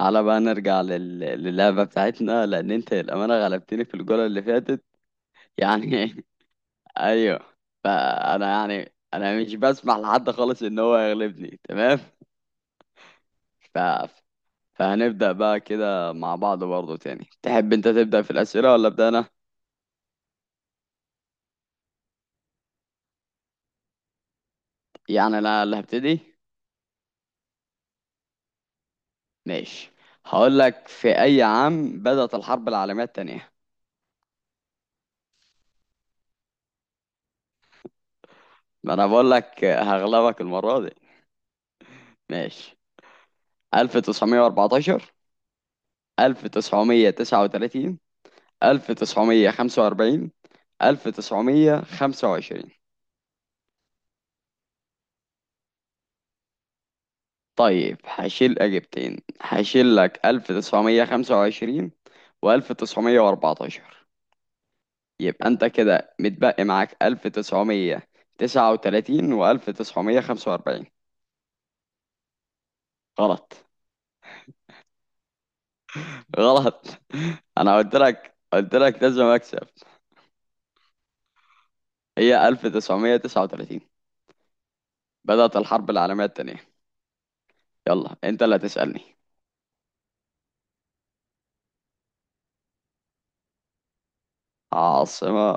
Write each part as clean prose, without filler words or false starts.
على بقى نرجع للعبة بتاعتنا لأن أنت للأمانة غلبتني في الجولة اللي فاتت. يعني أيوه. فأنا يعني أنا مش بسمح لحد خالص إن هو يغلبني. تمام. ف... فهنبدأ بقى كده مع بعض برضه تاني. تحب أنت تبدأ في الأسئلة ولا أبدأ أنا؟ يعني أنا اللي هبتدي؟ ماشي. هقول لك، في أي عام بدأت الحرب العالمية التانية؟ ما أنا بقول لك هغلبك المرة دي. ماشي. 1914، 1939، 1945، 1925. طيب هشيل إجابتين. هشيل لك 1925 وألف تسعمية وأربعتاشر. يبقى أنت كده متبقي معاك 1939 وألف تسعمية خمسة وأربعين. غلط. غلط. أنا قلت لك قلت لك لازم أكسب. هي 1939 بدأت الحرب العالمية التانية. يلا أنت اللي هتسألني. عاصمة.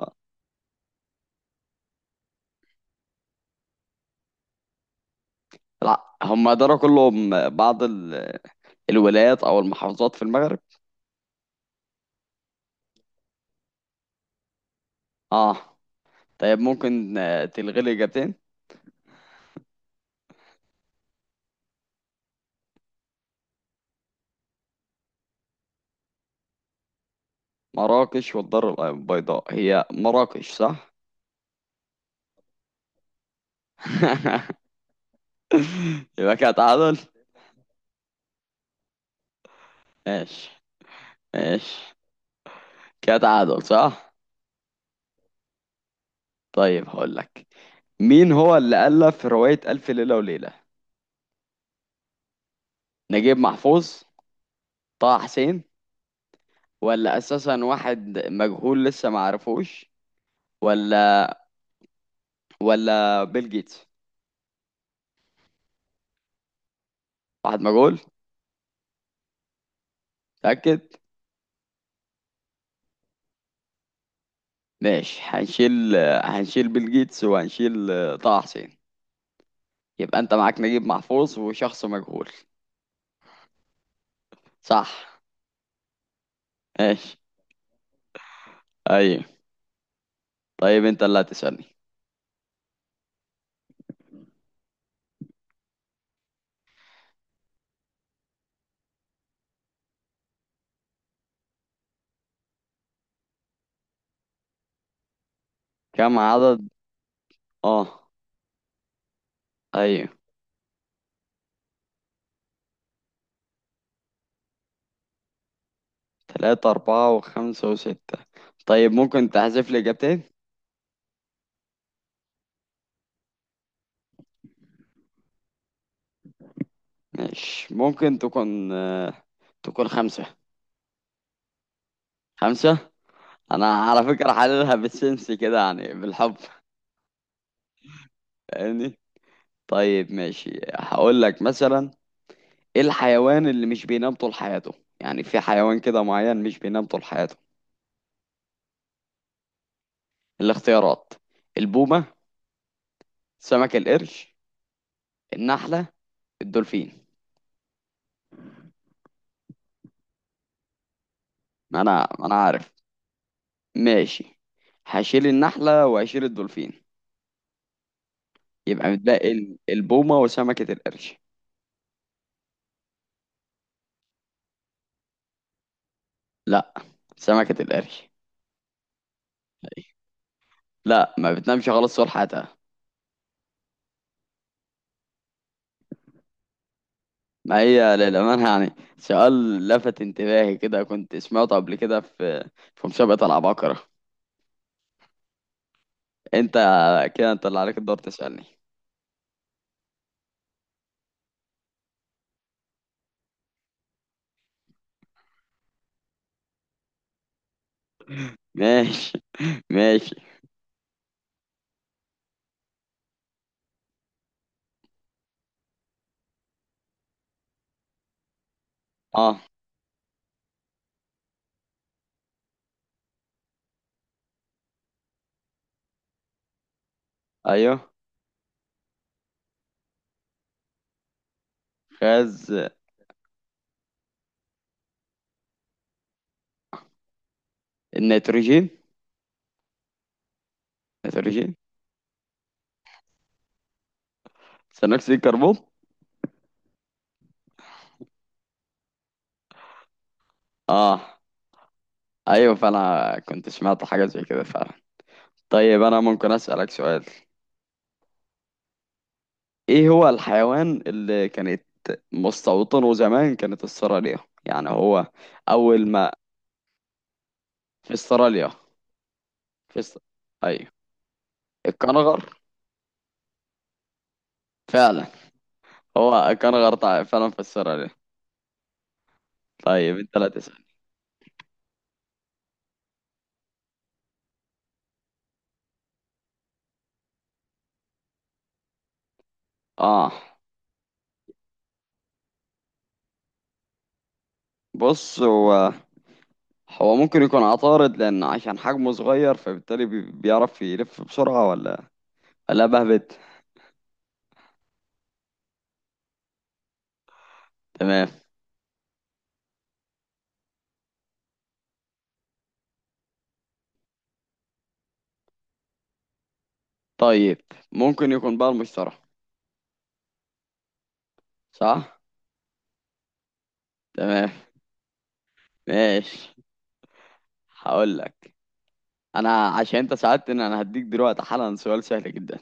لا، هم داروا كلهم بعض الولايات او المحافظات في المغرب. اه. طيب ممكن تلغي لي اجابتين. مراكش والدار البيضاء. هي مراكش صح. يبقى كده تعادل. ماشي. ماشي. كده تعادل صح. طيب هقول لك، مين هو اللي ألف رواية ألف ليلة وليلة؟ نجيب محفوظ، طه حسين، ولا أساسا واحد مجهول لسه ما عرفوش، ولا، ولا بيل جيتس. واحد مجهول. متأكد. ماشي هنشيل. هنشيل بيل جيتس وهنشيل طه حسين. يبقى انت معاك نجيب محفوظ وشخص مجهول. صح. ماشي. ايوه. طيب انت اللي هتسألني. كم عدد؟ اه. ايوه. تلاتة، أربعة وخمسة وستة. طيب ممكن تحذف لي إجابتين. ماشي. ممكن تكون تكون خمسة. خمسة. أنا على فكرة حللها بالسنس كده يعني بالحب. فاهمني؟ طيب ماشي. هقول لك مثلا، ايه الحيوان اللي مش بينام طول حياته؟ يعني في حيوان كده معين مش بينام طول حياته. الاختيارات: البومة، سمك القرش، النحلة، الدولفين. ما انا عارف. ماشي. هشيل النحلة وهشيل الدولفين. يبقى متبقي البومة وسمكة القرش. لا، سمكة القرش. لا، ما بتنامش خالص طول حياتها. ما هي للأمانة يعني سؤال لفت انتباهي كده، كنت سمعته قبل كده في في مسابقة العباقرة. انت كده انت اللي عليك الدور تسألني. ماشي. ماشي. اه. ايوه. غاز النيتروجين. نيتروجين، ثاني اكسيد الكربون. اه ايوه، فانا كنت سمعت حاجه زي كده فعلا. طيب انا ممكن اسالك سؤال، ايه هو الحيوان اللي كانت مستوطنه زمان كانت استراليا. يعني هو اول ما. في استراليا. في است... ايوه. الكنغر فعلا. هو الكنغر طيب فعلا في استراليا. طيب انت لا تسال. اه. بص هو هو ممكن يكون عطارد لأن عشان حجمه صغير فبالتالي بيعرف يلف بسرعة ولا لا بهبت. تمام. طيب ممكن يكون بقى المشتري. صح. تمام. ماشي. هقول لك، أنا عشان أنت ساعدتني أنا هديك دلوقتي حالا سؤال سهل جدا.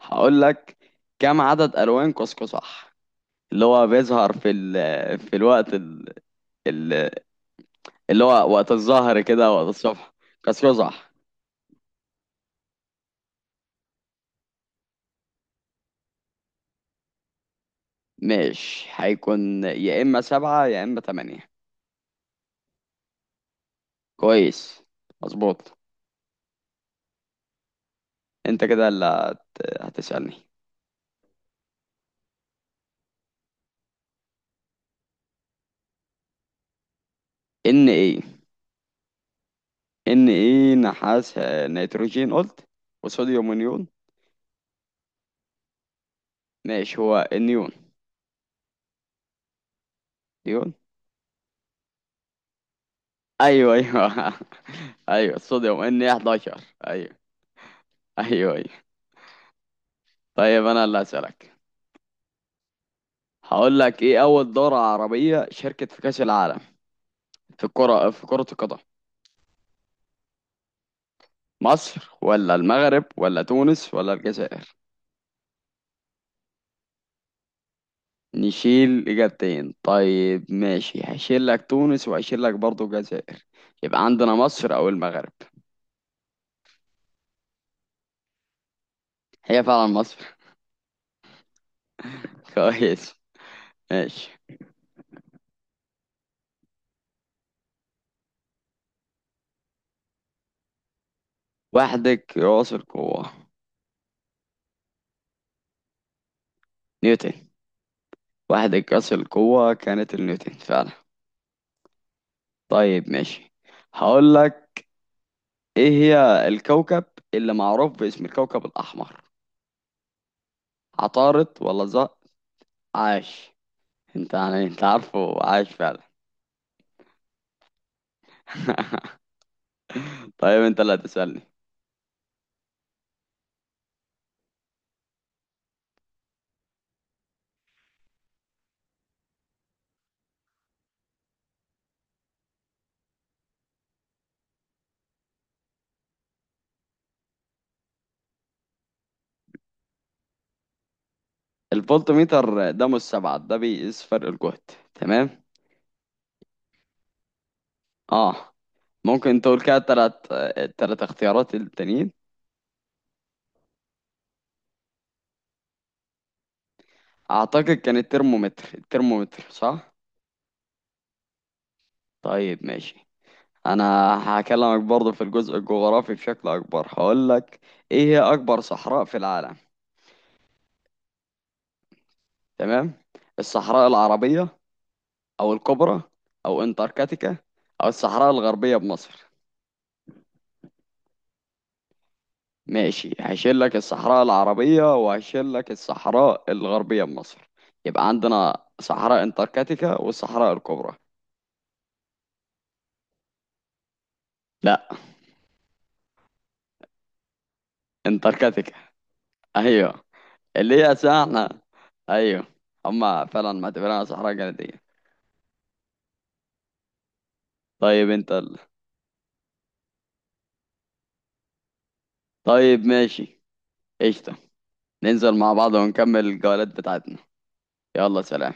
هقول لك، كم عدد ألوان قوسقزح اللي هو بيظهر في الوقت ال- اللي هو وقت الظهر كده وقت الصبح. قوسقزح. ماشي. هيكون يا إما سبعة يا إما تمانية. كويس مظبوط. انت كده اللي هتسألني. ان ايه. ان ايه، نحاس نيتروجين قلت، وصوديوم ونيون. ماشي. هو النيون. نيون. ايوه ايوه. ايوه الصوديوم ان 11. ايوه ايوه ايوه. طيب انا اللي هسألك. هقول لك، ايه اول دورة عربية شاركت في كأس العالم في الكرة في كرة القدم؟ مصر ولا المغرب ولا تونس ولا الجزائر. نشيل إجابتين. طيب ماشي. هشيل لك تونس وهشيل لك برضه الجزائر. يبقى عندنا مصر أو المغرب. هي فعلا مصر. كويس. ماشي. وحدة قياس القوة. نيوتن. وحدة قياس القوة كانت النيوتن فعلا. طيب ماشي. هقول لك، إيه هي الكوكب اللي معروف باسم الكوكب الأحمر؟ عطارد ولا زق. عاش. انت يعني انت عارفه. عاش فعلا. طيب انت اللي هتسألني. الفولتميتر ده مستبعد، ده بيقيس فرق الجهد. تمام. اه. ممكن تقول كده تلات اختيارات التانيين. اعتقد كان الترمومتر. الترمومتر صح. طيب ماشي. انا هكلمك برضه في الجزء الجغرافي بشكل اكبر. هقول لك، ايه هي اكبر صحراء في العالم؟ تمام. الصحراء العربية او الكبرى او انتاركتيكا او الصحراء الغربية بمصر. ماشي. هشيل لك الصحراء العربية وهشيل لك الصحراء الغربية بمصر. يبقى عندنا صحراء انتاركتيكا والصحراء الكبرى. لا، انتاركتيكا. ايوه. اللي هي أساسا احنا. ايوه. هما فعلا معتبرينها صحراء جنوبية. طيب طيب ماشي. قشطة. ننزل مع بعض ونكمل الجولات بتاعتنا. يلا سلام.